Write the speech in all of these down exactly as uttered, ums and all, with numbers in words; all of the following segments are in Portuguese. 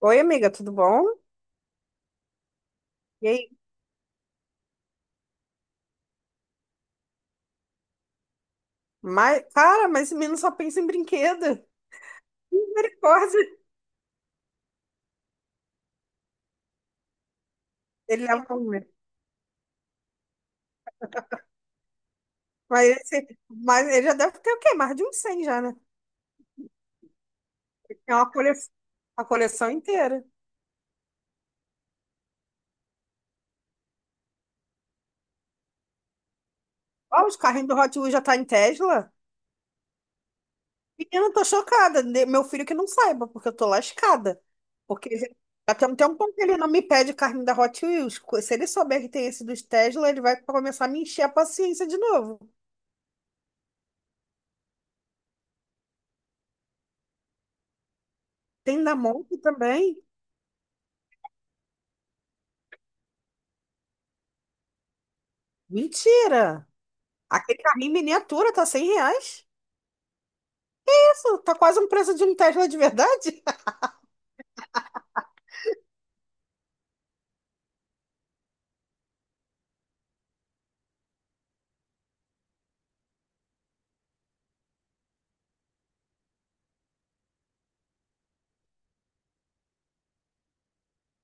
Oi, amiga, tudo bom? E aí? Mas, cara, mas esse menino só pensa em brinquedo. Misericórdia. Ele leva um... Mas, esse- mas ele já deve ter o quê? Mais de uns cem já, né? É uma cole... a coleção inteira. Ó, os carrinhos do Hot Wheels já tá em Tesla. Menina, eu tô chocada. De- Meu filho que não saiba, porque eu tô lascada. Porque já já tem um tempão que ele não me pede carrinho da Hot Wheels. Co- Se ele souber que tem esse dos Tesla, ele vai começar a me encher a paciência de novo. Tem da Monk também? Mentira! Aquele carrinho em miniatura tá cem reais. Isso, tá quase um preço de um Tesla de verdade.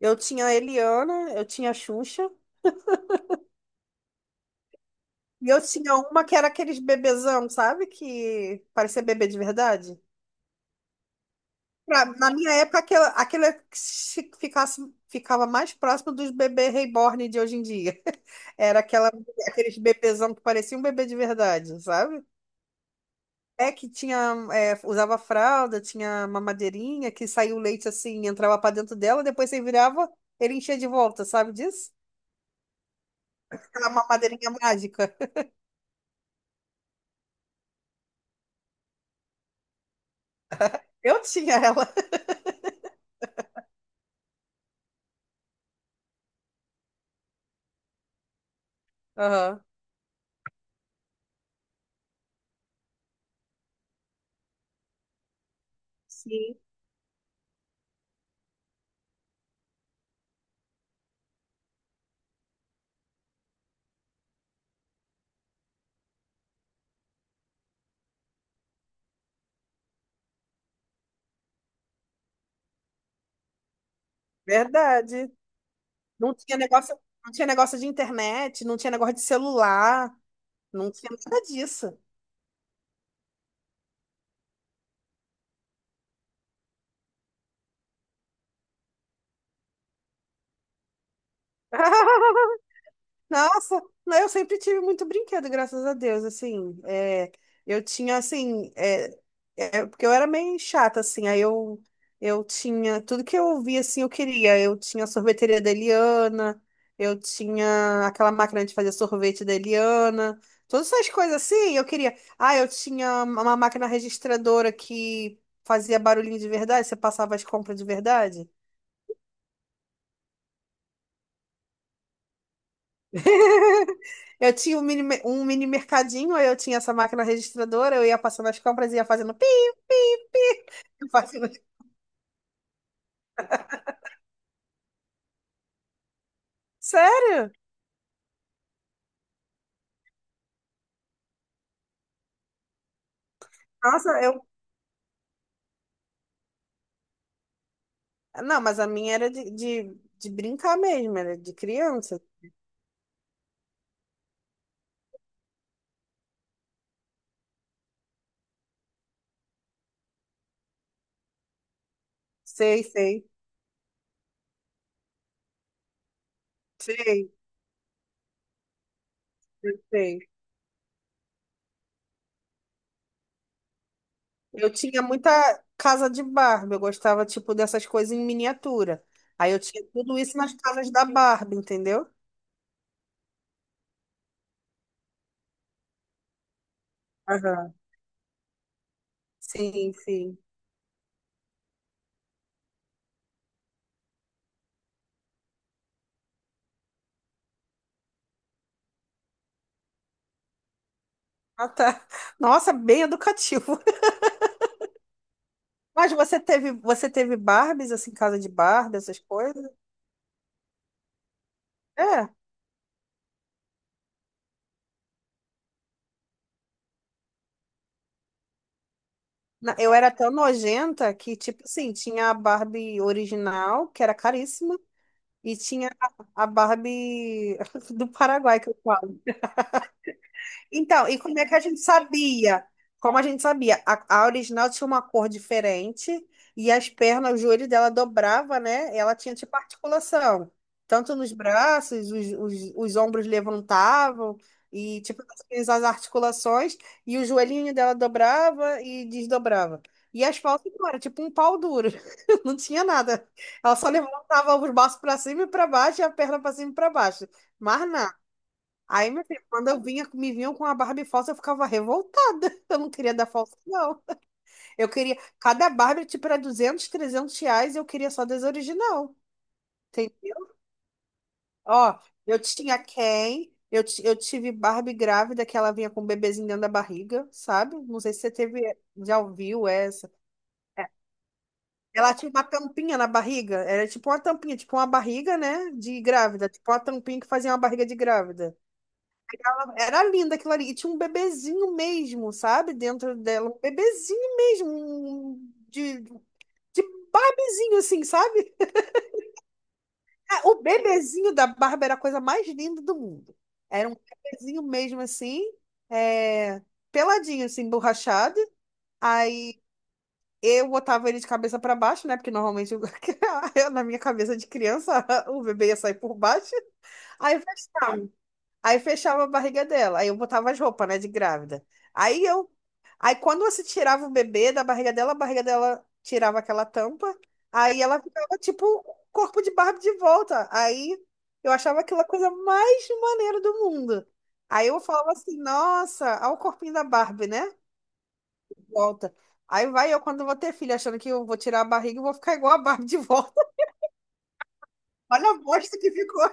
Eu tinha a Eliana, eu tinha a Xuxa. E eu tinha uma que era aqueles bebezão, sabe? Que parecia bebê de verdade. Pra- na minha época, aquela, aquela que se- ficasse, ficava mais próximo dos bebês reborn de hoje em dia. Era aquela, aqueles bebezão que parecia um bebê de verdade, sabe? É que tinha, é, usava fralda, tinha mamadeirinha, que saía o leite assim, entrava pra dentro dela, depois você virava, ele enchia de volta, sabe disso? Aquela mamadeirinha mágica. Eu tinha ela. Aham. Verdade. Não tinha negócio, não tinha negócio de internet, não tinha negócio de celular, não tinha nada disso. Nossa, não, eu sempre tive muito brinquedo, graças a Deus, assim, é, eu tinha, assim, é, é, porque eu era meio chata, assim, aí eu, eu tinha, tudo que eu via, assim, eu queria, eu tinha a sorveteria da Eliana, eu tinha aquela máquina de fazer sorvete da Eliana, todas essas coisas, assim, eu queria, ah, eu tinha uma máquina registradora que fazia barulhinho de verdade, você passava as compras de verdade. Eu tinha um mini, me- um mini mercadinho, aí eu tinha essa máquina registradora, eu ia passando as compras e ia fazendo pi, pi, pi. Eu fazendo as- Sério? Nossa, eu. Não, mas a minha era de, de, de brincar mesmo, era de criança. Sei, sei, sei, sei, sei. Eu tinha muita casa de Barbie, eu gostava, tipo, dessas coisas em miniatura. Aí eu tinha tudo isso nas casas da Barbie, entendeu? Aham. Sim, sim. Ah, tá. Nossa, bem educativo. Mas você teve, você teve Barbies, assim, casa de Barbie, essas coisas? É. Na- Eu era tão nojenta que, tipo assim, tinha a Barbie original, que era caríssima, e tinha a a Barbie do Paraguai, que eu falo. Então, e como é que a gente sabia? Como a gente sabia? A, a original tinha uma cor diferente e as pernas, o joelho dela dobrava, né? Ela tinha tipo articulação. Tanto nos braços, os, os, os ombros levantavam e tipo as articulações e o joelhinho dela dobrava e desdobrava. E as falsas não, era tipo um pau duro. Não tinha nada. Ela só levantava os braços para cima e para baixo e a perna para cima e para baixo. Mas nada. Aí, meu filho, quando eu vinha, me vinham com a Barbie falsa, eu ficava revoltada. Eu não queria da falsa, não. Eu queria. Cada Barbie, tipo, era duzentos, trezentos reais, eu queria só das original. Entendeu? Ó, eu tinha Ken, eu, ti- eu tive Barbie grávida, que ela vinha com um bebezinho dentro da barriga, sabe? Não sei se você teve, já ouviu essa. Ela tinha uma tampinha na barriga, era tipo uma tampinha, tipo uma barriga, né, de grávida, tipo uma tampinha que fazia uma barriga de grávida. Era linda aquilo ali. E tinha um bebezinho mesmo, sabe? Dentro dela. Um bebezinho mesmo. um- um, De, de Barbiezinho, assim, sabe? É, o bebezinho da Barbie era a coisa mais linda do mundo. Era um bebezinho mesmo, assim. é, Peladinho, assim, borrachado. Aí eu botava ele de cabeça pra baixo, né? Porque normalmente eu- eu, na minha cabeça de criança, o bebê ia sair por baixo. Aí fechava. Aí fechava a barriga dela. Aí eu botava as roupas, né? De grávida. Aí eu Aí quando você tirava o bebê da barriga dela, a barriga dela tirava aquela tampa, aí ela ficava tipo o corpo de Barbie de volta. Aí eu achava aquela coisa mais maneira do mundo. Aí eu falava assim, nossa, olha o corpinho da Barbie, né? Volta. Aí vai eu quando eu vou ter filho, achando que eu vou tirar a barriga e vou ficar igual a Barbie de volta. Olha a bosta que ficou.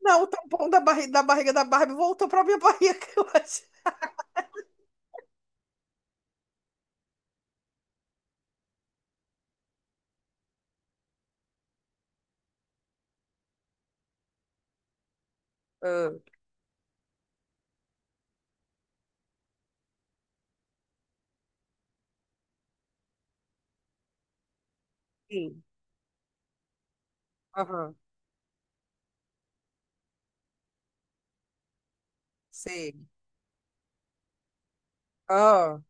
Não, o tampão da barriga da, barriga da Barbie voltou pra minha barriga, eu acho. Ah, sim. Aham. Sim. Ah.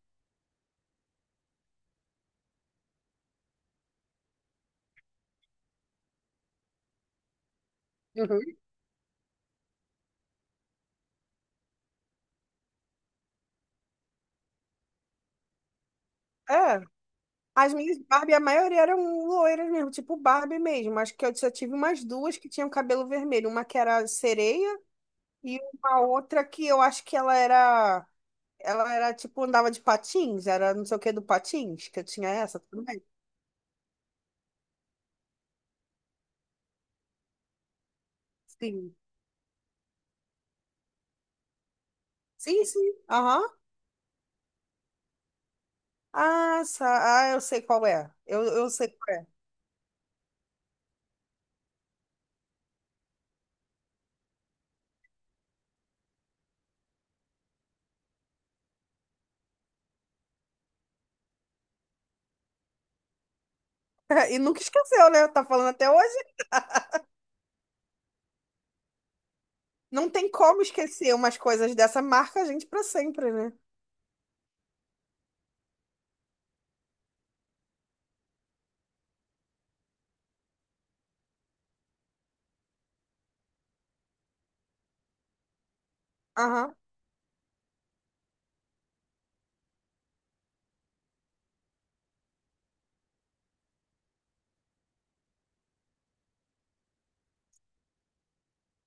Uhum. É. As minhas Barbie, a maioria eram loiras mesmo, tipo Barbie mesmo. Acho que eu só tive umas duas que tinham cabelo vermelho. Uma que era sereia e uma outra que eu acho que ela era. Ela era tipo, andava de patins, era não sei o que do patins, que eu tinha essa também. Sim. Sim, sim. Aham. Ah, sa- ah, eu sei qual é. Eu, eu sei qual é. E nunca esqueceu, né? Tá falando até hoje. Não tem como esquecer umas coisas dessa marca, a gente pra sempre, né? Aham.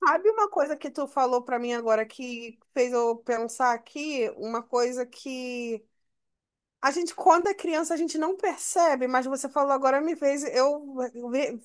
Sabe uma coisa que tu falou pra mim agora que fez eu pensar aqui? Uma coisa que a gente, quando é criança, a gente não percebe, mas você falou agora me fez eu ver-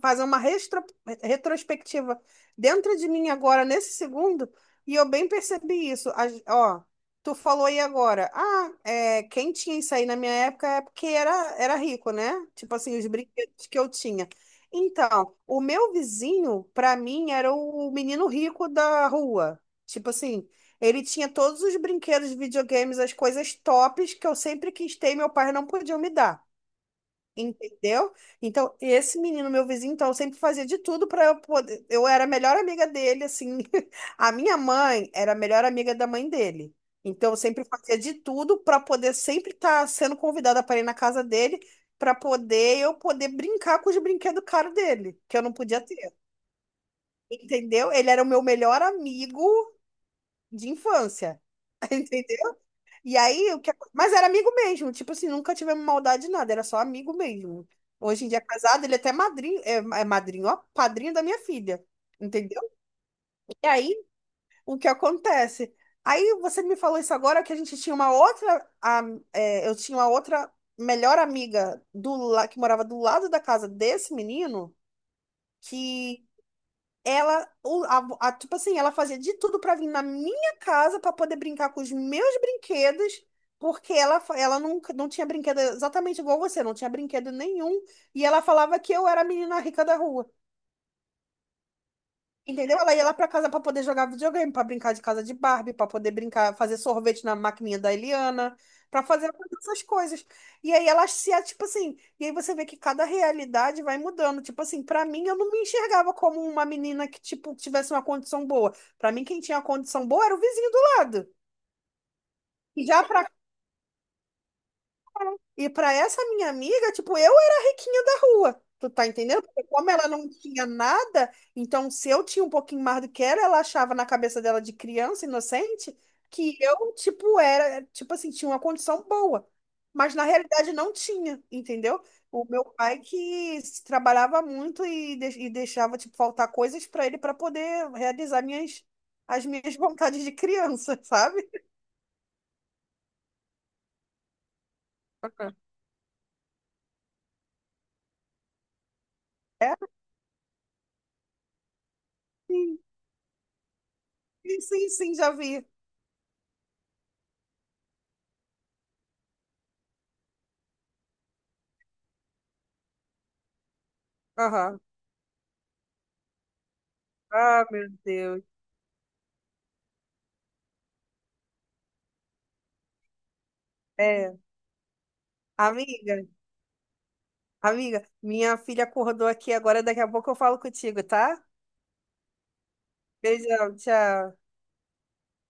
fazer uma restro- retrospectiva dentro de mim agora, nesse segundo, e eu bem percebi isso. A- ó, tu falou aí agora, ah, é, quem tinha isso aí na minha época é porque era, era rico, né? Tipo assim, os brinquedos que eu tinha. Então, o meu vizinho, pra mim, era o menino rico da rua. Tipo assim. Ele tinha todos os brinquedos, videogames, as coisas tops que eu sempre quis ter e meu pai não podia me dar. Entendeu? Então, esse menino, meu vizinho, então, sempre fazia de tudo para eu poder. Eu era a melhor amiga dele, assim. A minha mãe era a melhor amiga da mãe dele. Então, eu sempre fazia de tudo para poder sempre estar sendo convidada para ir na casa dele, para poder eu poder brincar com os brinquedos caros dele, que eu não podia ter. Entendeu? Ele era o meu melhor amigo de infância. E aí, o que... mas era amigo mesmo, tipo assim, nunca tivemos maldade de nada, era só amigo mesmo. Hoje em dia é casado, ele é até madrinho, é, é madrinho, ó, padrinho da minha filha, entendeu? E aí, o que acontece? Aí você me falou isso agora que a gente tinha uma outra, a, é, eu tinha uma outra melhor amiga do la- que morava do lado da casa desse menino, ela, o- a- a- tipo assim, ela fazia de tudo pra vir na minha casa pra poder brincar com os meus brinquedos, porque ela, fa- ela nunca, não tinha brinquedo exatamente igual você, não tinha brinquedo nenhum. E ela falava que eu era a menina rica da rua. Entendeu? Ela ia lá pra casa pra poder jogar videogame, pra brincar de casa de Barbie, pra poder brincar, fazer sorvete na maquininha da Eliana, pra fazer todas essas coisas. E aí elas se, tipo assim, e aí você vê que cada realidade vai mudando. Tipo assim, pra mim eu não me enxergava como uma menina que, tipo, tivesse uma condição boa. Pra mim quem tinha condição boa era o vizinho do lado. E já pra E para essa minha amiga, tipo, eu era a riquinha da rua. Tu tá entendendo? Porque como ela não tinha nada, então se eu tinha um pouquinho mais do que ela, ela achava na cabeça dela de criança inocente que eu, tipo, era, tipo assim, tinha uma condição boa. Mas na realidade não tinha, entendeu? O meu pai que se trabalhava muito e, de- e deixava, tipo, faltar coisas para ele para poder realizar minhas, as minhas vontades de criança. Sabe? Aham. É, sim, sim, sim, já vi. Aham. Ah, meu Deus. É. Amiga, amiga, minha filha acordou aqui agora, daqui a pouco eu falo contigo, tá? Beijão, tchau.